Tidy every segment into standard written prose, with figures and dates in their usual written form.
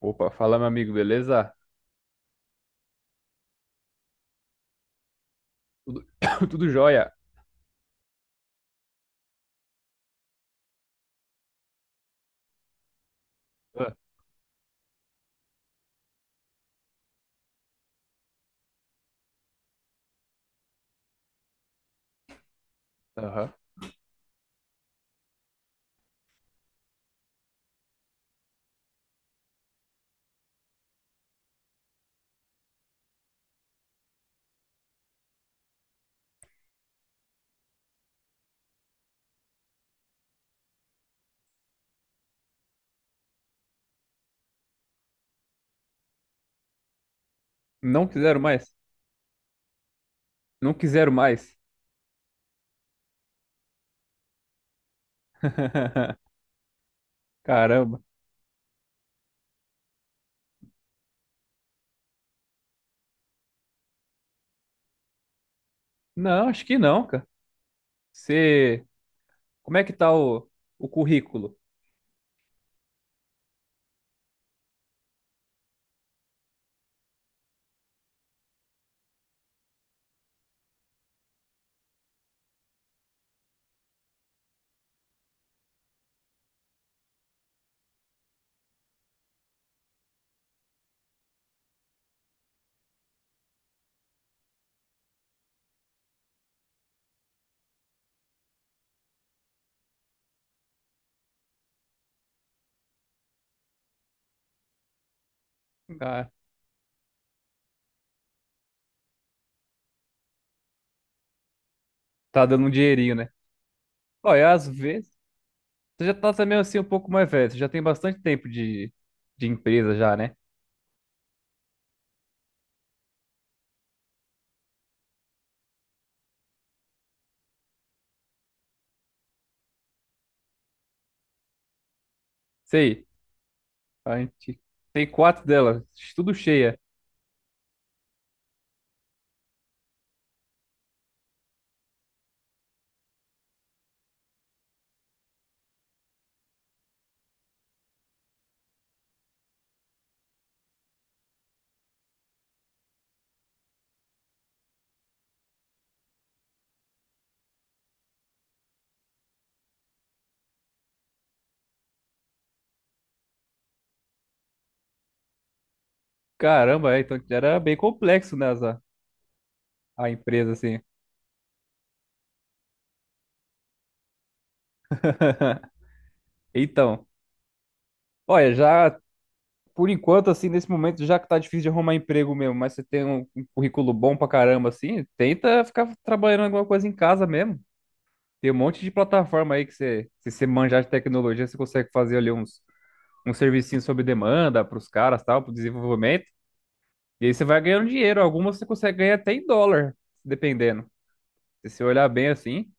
Opa, fala, meu amigo, beleza? Tudo, tudo jóia. Ah. Aham. Não quiseram mais? Não quiseram mais? Caramba. Não, acho que não, cara. Você. Como é que tá o, currículo? Ah, tá dando um dinheirinho, né? Olha, às vezes. Você já tá também assim um pouco mais velho. Você já tem bastante tempo de empresa já, né? Sei. A gente tem quatro delas, tudo cheia. Caramba, é, então era bem complexo, né, a empresa, assim. Então. Olha, já por enquanto, assim, nesse momento já que tá difícil de arrumar emprego mesmo, mas você tem um, currículo bom pra caramba, assim, tenta ficar trabalhando alguma coisa em casa mesmo. Tem um monte de plataforma aí que se você manjar de tecnologia, você consegue fazer ali uns servicinhos sob demanda pros caras, tal, pro desenvolvimento. E aí você vai ganhando dinheiro. Algumas você consegue ganhar até em dólar, dependendo. Se você olhar bem assim.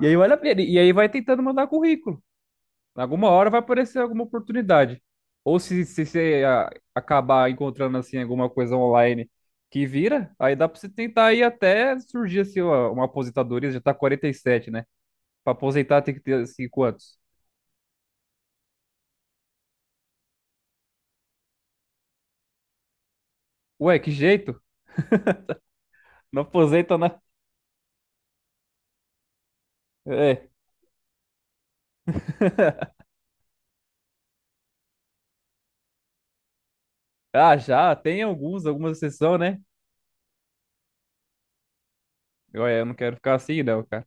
E aí olha, e aí vai tentando mandar currículo. Alguma hora vai aparecer alguma oportunidade. Ou se, você acabar encontrando assim alguma coisa online que vira, aí dá pra você tentar ir até surgir assim uma aposentadoria, já tá 47, né? Pra aposentar tem que ter assim quantos? Ué, que jeito? Não aposenta, né? É. Ah, já, tem alguns, algumas exceções, né? Ué, eu não quero ficar assim, não, cara.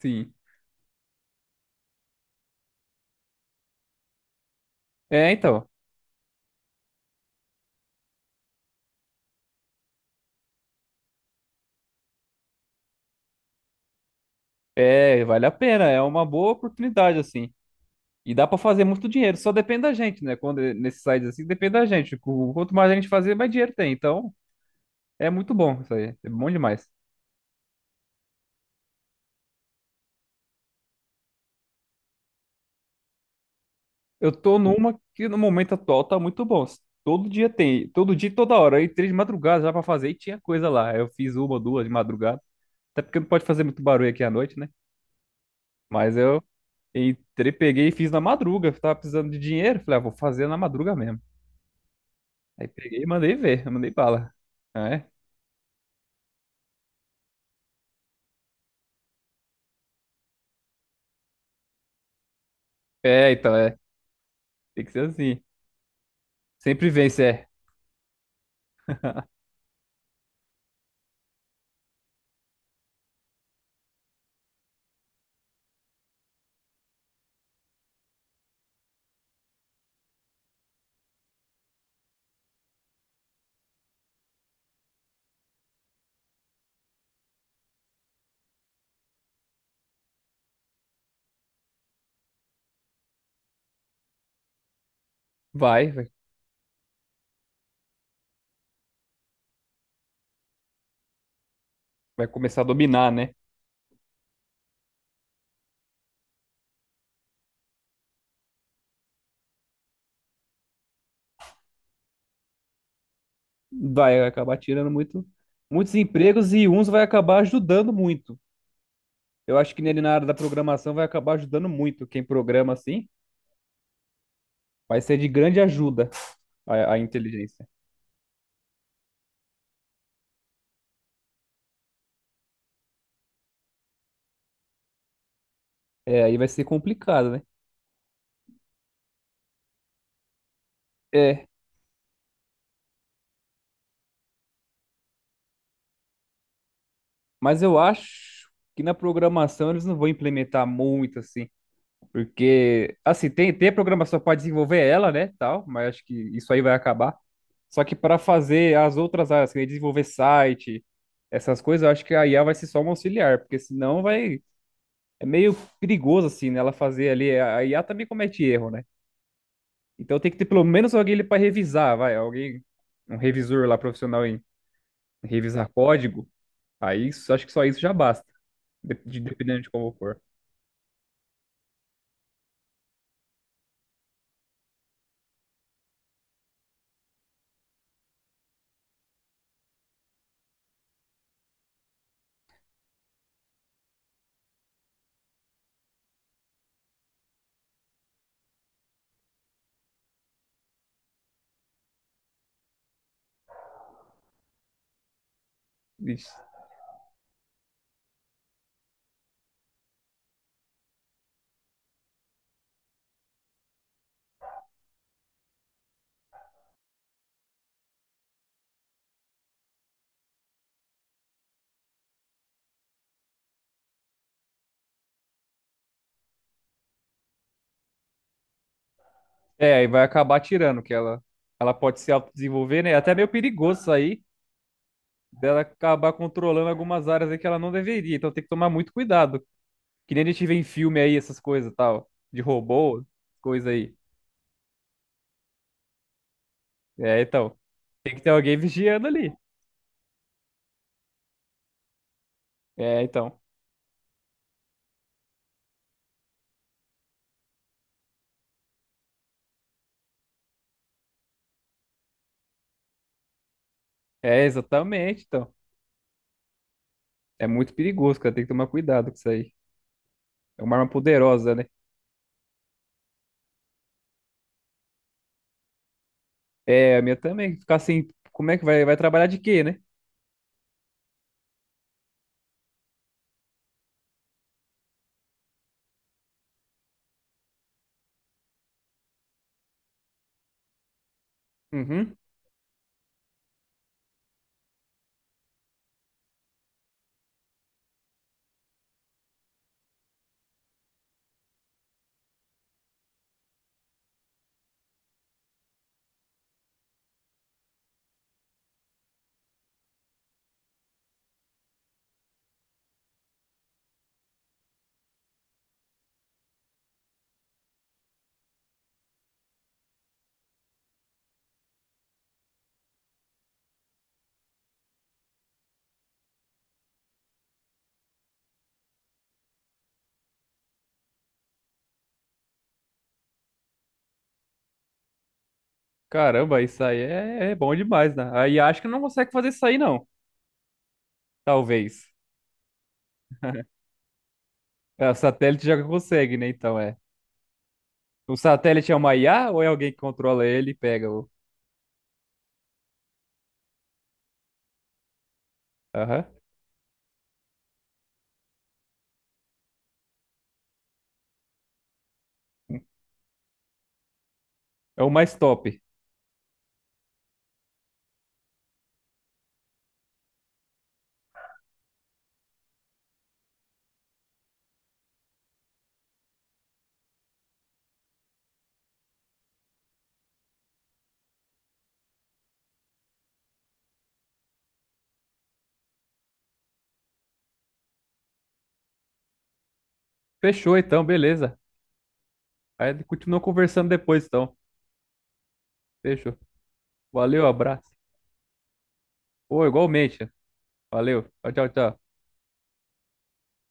Sim. É, então. É, vale a pena, é uma boa oportunidade, assim. E dá pra fazer muito dinheiro, só depende da gente, né? Quando é nesses sites assim, depende da gente. Quanto mais a gente fazer, mais dinheiro tem. Então, é muito bom isso aí. É bom demais. Eu tô numa que no momento atual tá muito bom. Todo dia tem, todo dia, e toda hora. Aí 3 de madrugada já pra fazer e tinha coisa lá. Eu fiz 1, 2 de madrugada. Até porque não pode fazer muito barulho aqui à noite, né? Mas eu entrei, peguei e fiz na madruga. Tava precisando de dinheiro. Falei, ah, vou fazer na madruga mesmo. Aí peguei e mandei ver, mandei bala. Ah. É, é, então é. Tem que ser assim. Sempre vence, é. Vai, vai, vai começar a dominar, né? Vai acabar tirando muito, muitos empregos e uns vai acabar ajudando muito. Eu acho que nele na área da programação vai acabar ajudando muito. Quem programa assim vai ser de grande ajuda a, inteligência. É, aí vai ser complicado, né? É, mas eu acho que na programação eles não vão implementar muito assim. Porque, assim, tem a programação para desenvolver ela, né, tal, mas acho que isso aí vai acabar. Só que para fazer as outras áreas, assim, desenvolver site, essas coisas, eu acho que a IA vai ser só um auxiliar, porque senão vai... É meio perigoso, assim, né, ela fazer ali... A IA também comete erro, né? Então tem que ter pelo menos alguém ali para revisar, vai, alguém... Um revisor lá profissional em revisar código. Aí acho que só isso já basta, dependendo de como for. Ixi. É, aí vai acabar tirando, que ela, pode se autodesenvolver, né? É. Até meio perigoso isso aí, dela acabar controlando algumas áreas aí que ela não deveria. Então tem que tomar muito cuidado. Que nem a gente vê em filme aí, essas coisas e tal, de robô, coisa aí. É, então, tem que ter alguém vigiando ali. É, então. É, exatamente, então. É muito perigoso, cara. Tem que tomar cuidado com isso aí. É uma arma poderosa, né? É, a minha também. Ficar assim, como é que vai, trabalhar de quê, né? Uhum. Caramba, isso aí é bom demais, né? Aí acho que não consegue fazer isso aí, não. Talvez. É, o satélite já consegue, né? Então é. O satélite é uma IA ou é alguém que controla ele e pega o. Aham. É o mais top. Fechou então, beleza. Aí continua conversando depois, então. Fechou. Valeu, abraço. Pô, igualmente. Valeu. Tchau, tchau, tchau.